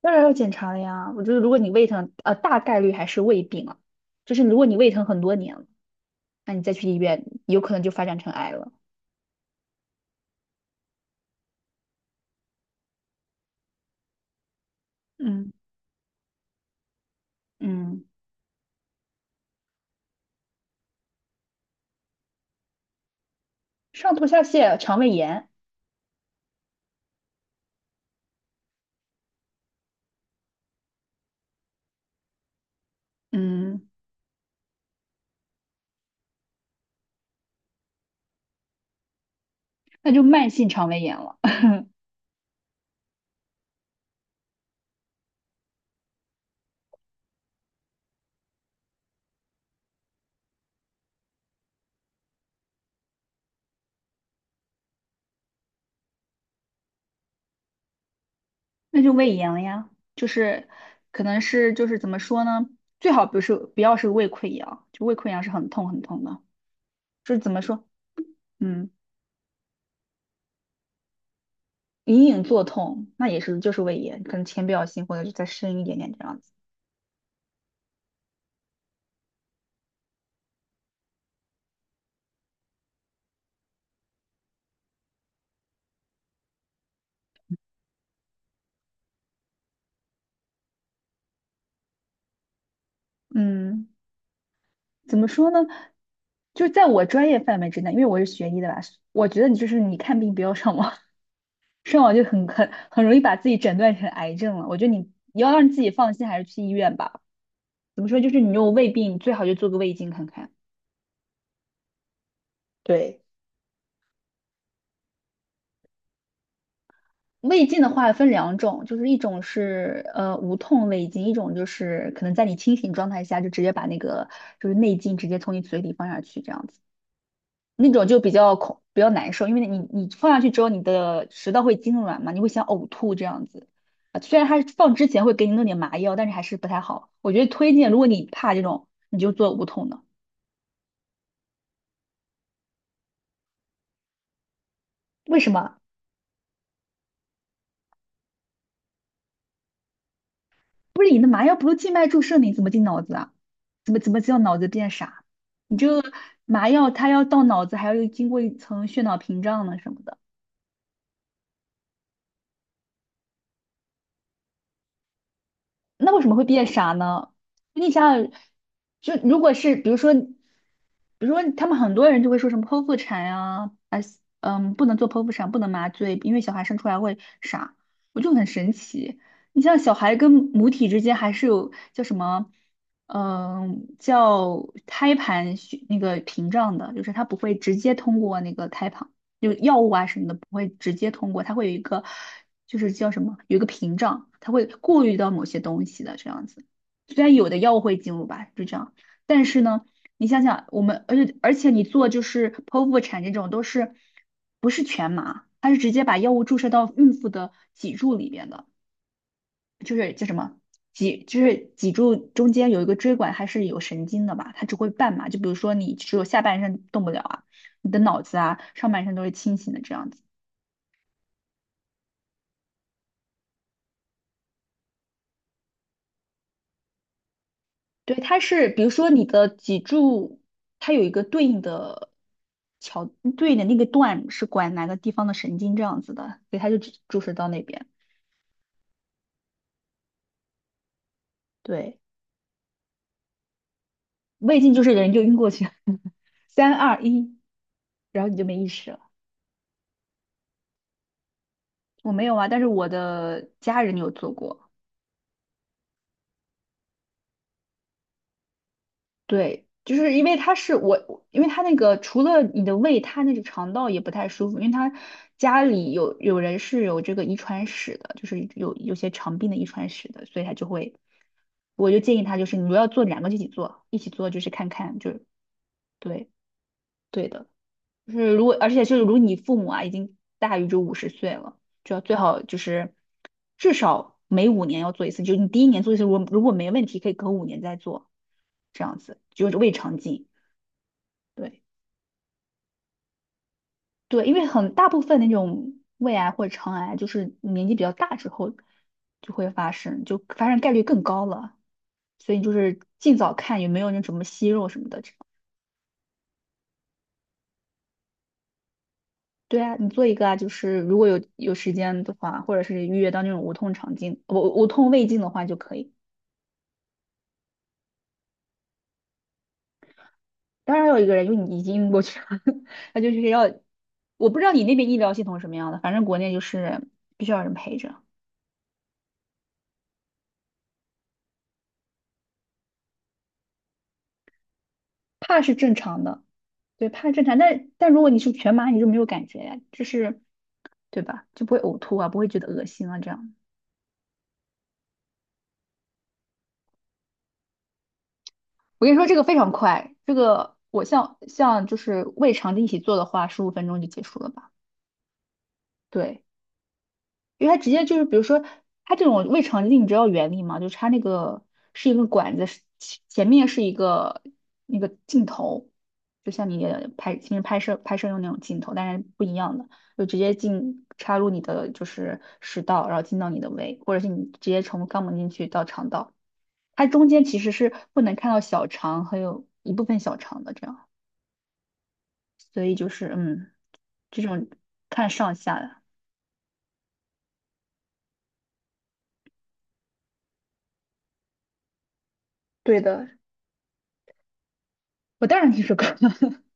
当然要检查了呀。我觉得如果你胃疼，大概率还是胃病了。就是如果你胃疼很多年了，那你再去医院，有可能就发展成癌了。嗯嗯，上吐下泻、肠胃炎，嗯，那就慢性肠胃炎了，那就胃炎了呀。就是可能是就是怎么说呢？最好不是不要是胃溃疡，就胃溃疡是很痛很痛的。就是怎么说？嗯，隐隐作痛，那也是就是胃炎，可能浅表性或者是再深一点点这样子。嗯。怎么说呢？就在我专业范围之内，因为我是学医的吧，我觉得你就是你看病不要上网，上网就很容易把自己诊断成癌症了。我觉得你要让自己放心，还是去医院吧。怎么说？就是你有胃病，最好就做个胃镜看看。对，胃镜的话分两种，就是一种是无痛胃镜，一种就是可能在你清醒状态下就直接把那个就是内镜直接从你嘴里放下去这样子。那种就比较恐，比较难受，因为你放下去之后，你的食道会痉挛嘛，你会想呕吐这样子啊。虽然它放之前会给你弄点麻药，但是还是不太好。我觉得推荐，如果你怕这种，你就做无痛的。为什么？不是你的麻药不是静脉注射，你怎么进脑子啊？怎么叫脑子变傻？你这个麻药它要到脑子，还要经过一层血脑屏障呢什么的。那为什么会变傻呢？你想想，就如果是比如说，比如说他们很多人就会说什么剖腹产呀、啊，嗯，不能做剖腹产，不能麻醉，因为小孩生出来会傻，我就很神奇。你像小孩跟母体之间还是有叫什么，嗯，叫胎盘血那个屏障的，就是他不会直接通过那个胎盘。就药物啊什么的不会直接通过，它会有一个就是叫什么，有一个屏障，它会过滤到某些东西的这样子。虽然有的药物会进入吧，就这样，但是呢，你想想我们，而且你做就是剖腹产这种都是不是全麻，它是直接把药物注射到孕妇的脊柱里边的，就是叫什么？脊就是脊柱中间有一个椎管，它是有神经的吧？它只会半麻，就比如说你只有下半身动不了啊，你的脑子啊上半身都是清醒的这样子。对，它是比如说你的脊柱，它有一个对应的桥，对应的那个段是管哪个地方的神经这样子的，所以它就注射到那边。对，胃镜就是人就晕过去，三二一，然后你就没意识了。我没有啊，但是我的家人有做过。对，就是因为他是我，因为他那个除了你的胃，他那个肠道也不太舒服，因为他家里有人是有这个遗传史的，就是有些肠病的遗传史的，所以他就会，我就建议他就是你如果要做两个就一起做，一起做就是看看，就是对对的，就是如果而且就是如果你父母啊已经大于就五十岁了，就要最好就是至少每五年要做一次，就是你第一年做一次，如果没问题可以隔五年再做。这样子，就是胃肠镜，对对，因为很大部分那种胃癌或者肠癌，就是年纪比较大之后就会发生，就发生概率更高了。所以就是尽早看有没有那什么息肉什么的这样。对啊，你做一个啊，就是如果有时间的话，或者是预约到那种无痛肠镜，无痛胃镜的话就可以。当然还有一个人，因为你已经晕过去了，他就是要，我不知道你那边医疗系统什么样的，反正国内就是必须要有人陪着，怕是正常的。对，怕正常，但但如果你是全麻，你就没有感觉呀，就是对吧？就不会呕吐啊，不会觉得恶心啊，这样。我跟你说，这个非常快，这个我像就是胃肠的一起做的话，十五分钟就结束了吧？对。因为它直接就是，比如说它这种胃肠镜，你知道原理吗？就插那个是一个管子，是前面是一个那个镜头，就像你拍平时拍摄用那种镜头，但是不一样的，就直接插入你的就是食道，然后进到你的胃，或者是你直接从肛门进去到肠道。它中间其实是不能看到小肠，还有一部分小肠的这样，所以就是嗯，这种看上下的。对的，我当然听说过。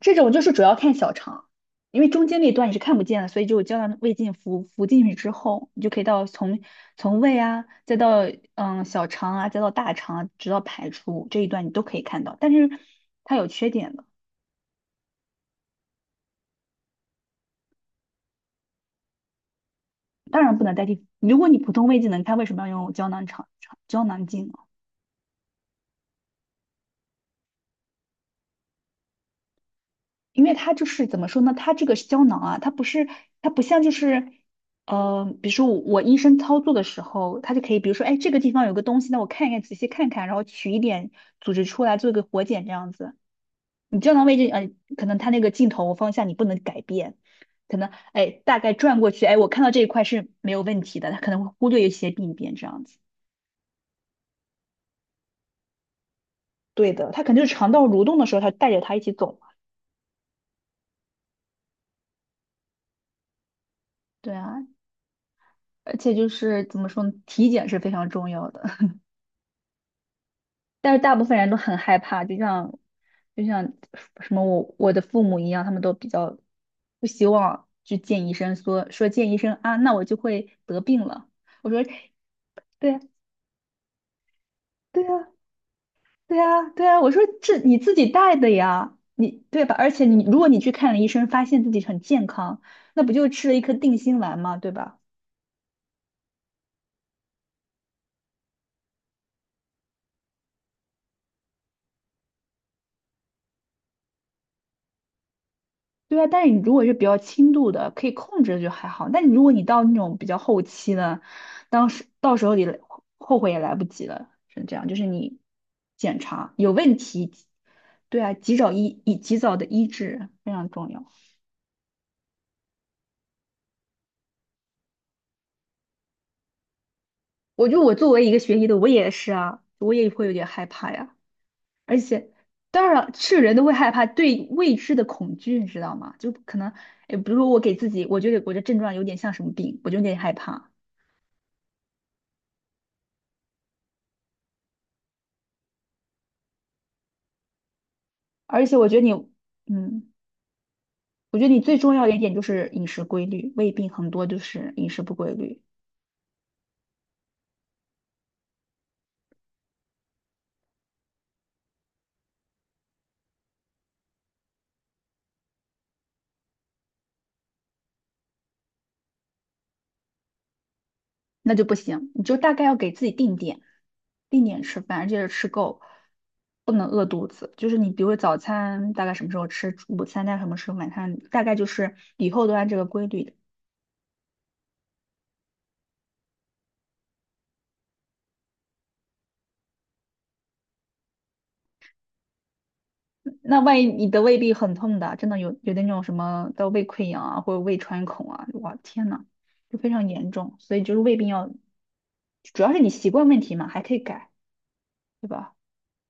这种就是主要看小肠，因为中间那段你是看不见的，所以就胶囊胃镜服进去之后，你就可以到从从胃啊，再到嗯小肠啊，再到大肠啊，直到排出这一段你都可以看到。但是它有缺点的，当然不能代替。如果你普通胃镜能看，为什么要用胶囊胶囊镜呢？因为它就是怎么说呢？它这个胶囊啊，它不是，它不像就是，比如说我医生操作的时候，他就可以，比如说，哎，这个地方有个东西，那我看一看，仔细看看，然后取一点组织出来做一个活检这样子。你胶囊位置，可能它那个镜头方向你不能改变，可能，哎，大概转过去，哎，我看到这一块是没有问题的，它可能会忽略一些病变这样子。对的，它肯定是肠道蠕动的时候，它带着它一起走嘛。对啊，而且就是怎么说呢，体检是非常重要的。但是大部分人都很害怕，就像什么我的父母一样，他们都比较不希望去见医生说见医生啊，那我就会得病了。我说对呀，对呀，对呀，对呀，我说这你自己带的呀，你对吧？而且你如果你去看了医生，发现自己很健康，那不就吃了一颗定心丸吗？对吧？对啊，但是你如果是比较轻度的，可以控制的就还好。但你如果你到那种比较后期呢，当时到时候你来后悔也来不及了，是这样。就是你检查有问题，对啊，及早医以及早的医治非常重要。我作为一个学医的，我也是啊，我也会有点害怕呀。而且，当然是人都会害怕对未知的恐惧，你知道吗？就可能，哎，比如说我给自己，我觉得我的症状有点像什么病，我就有点害怕。而且我觉得你，嗯。我觉得你最重要的一点就是饮食规律，胃病很多就是饮食不规律，那就不行。你就大概要给自己定点，定点吃饭，而且吃够，不能饿肚子。就是你比如说早餐大概什么时候吃，午餐大概什么时候，晚餐大概就是以后都按这个规律。的。那万一你的胃病很痛的，真的有的那种什么的胃溃疡啊，或者胃穿孔啊，哇天呐，就非常严重。所以就是胃病要，主要是你习惯问题嘛，还可以改，对吧？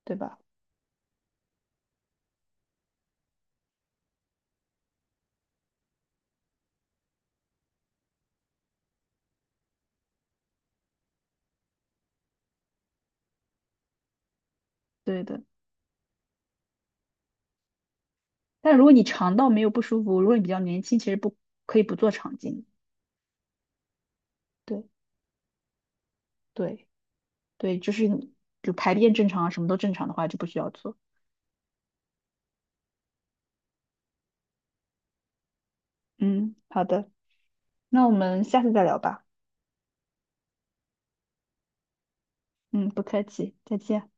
对吧？对的。但如果你肠道没有不舒服，如果你比较年轻，其实不可以不做肠镜。对对对，就是你就排便正常啊，什么都正常的话就不需要做。嗯，好的，那我们下次再聊吧。嗯，不客气，再见。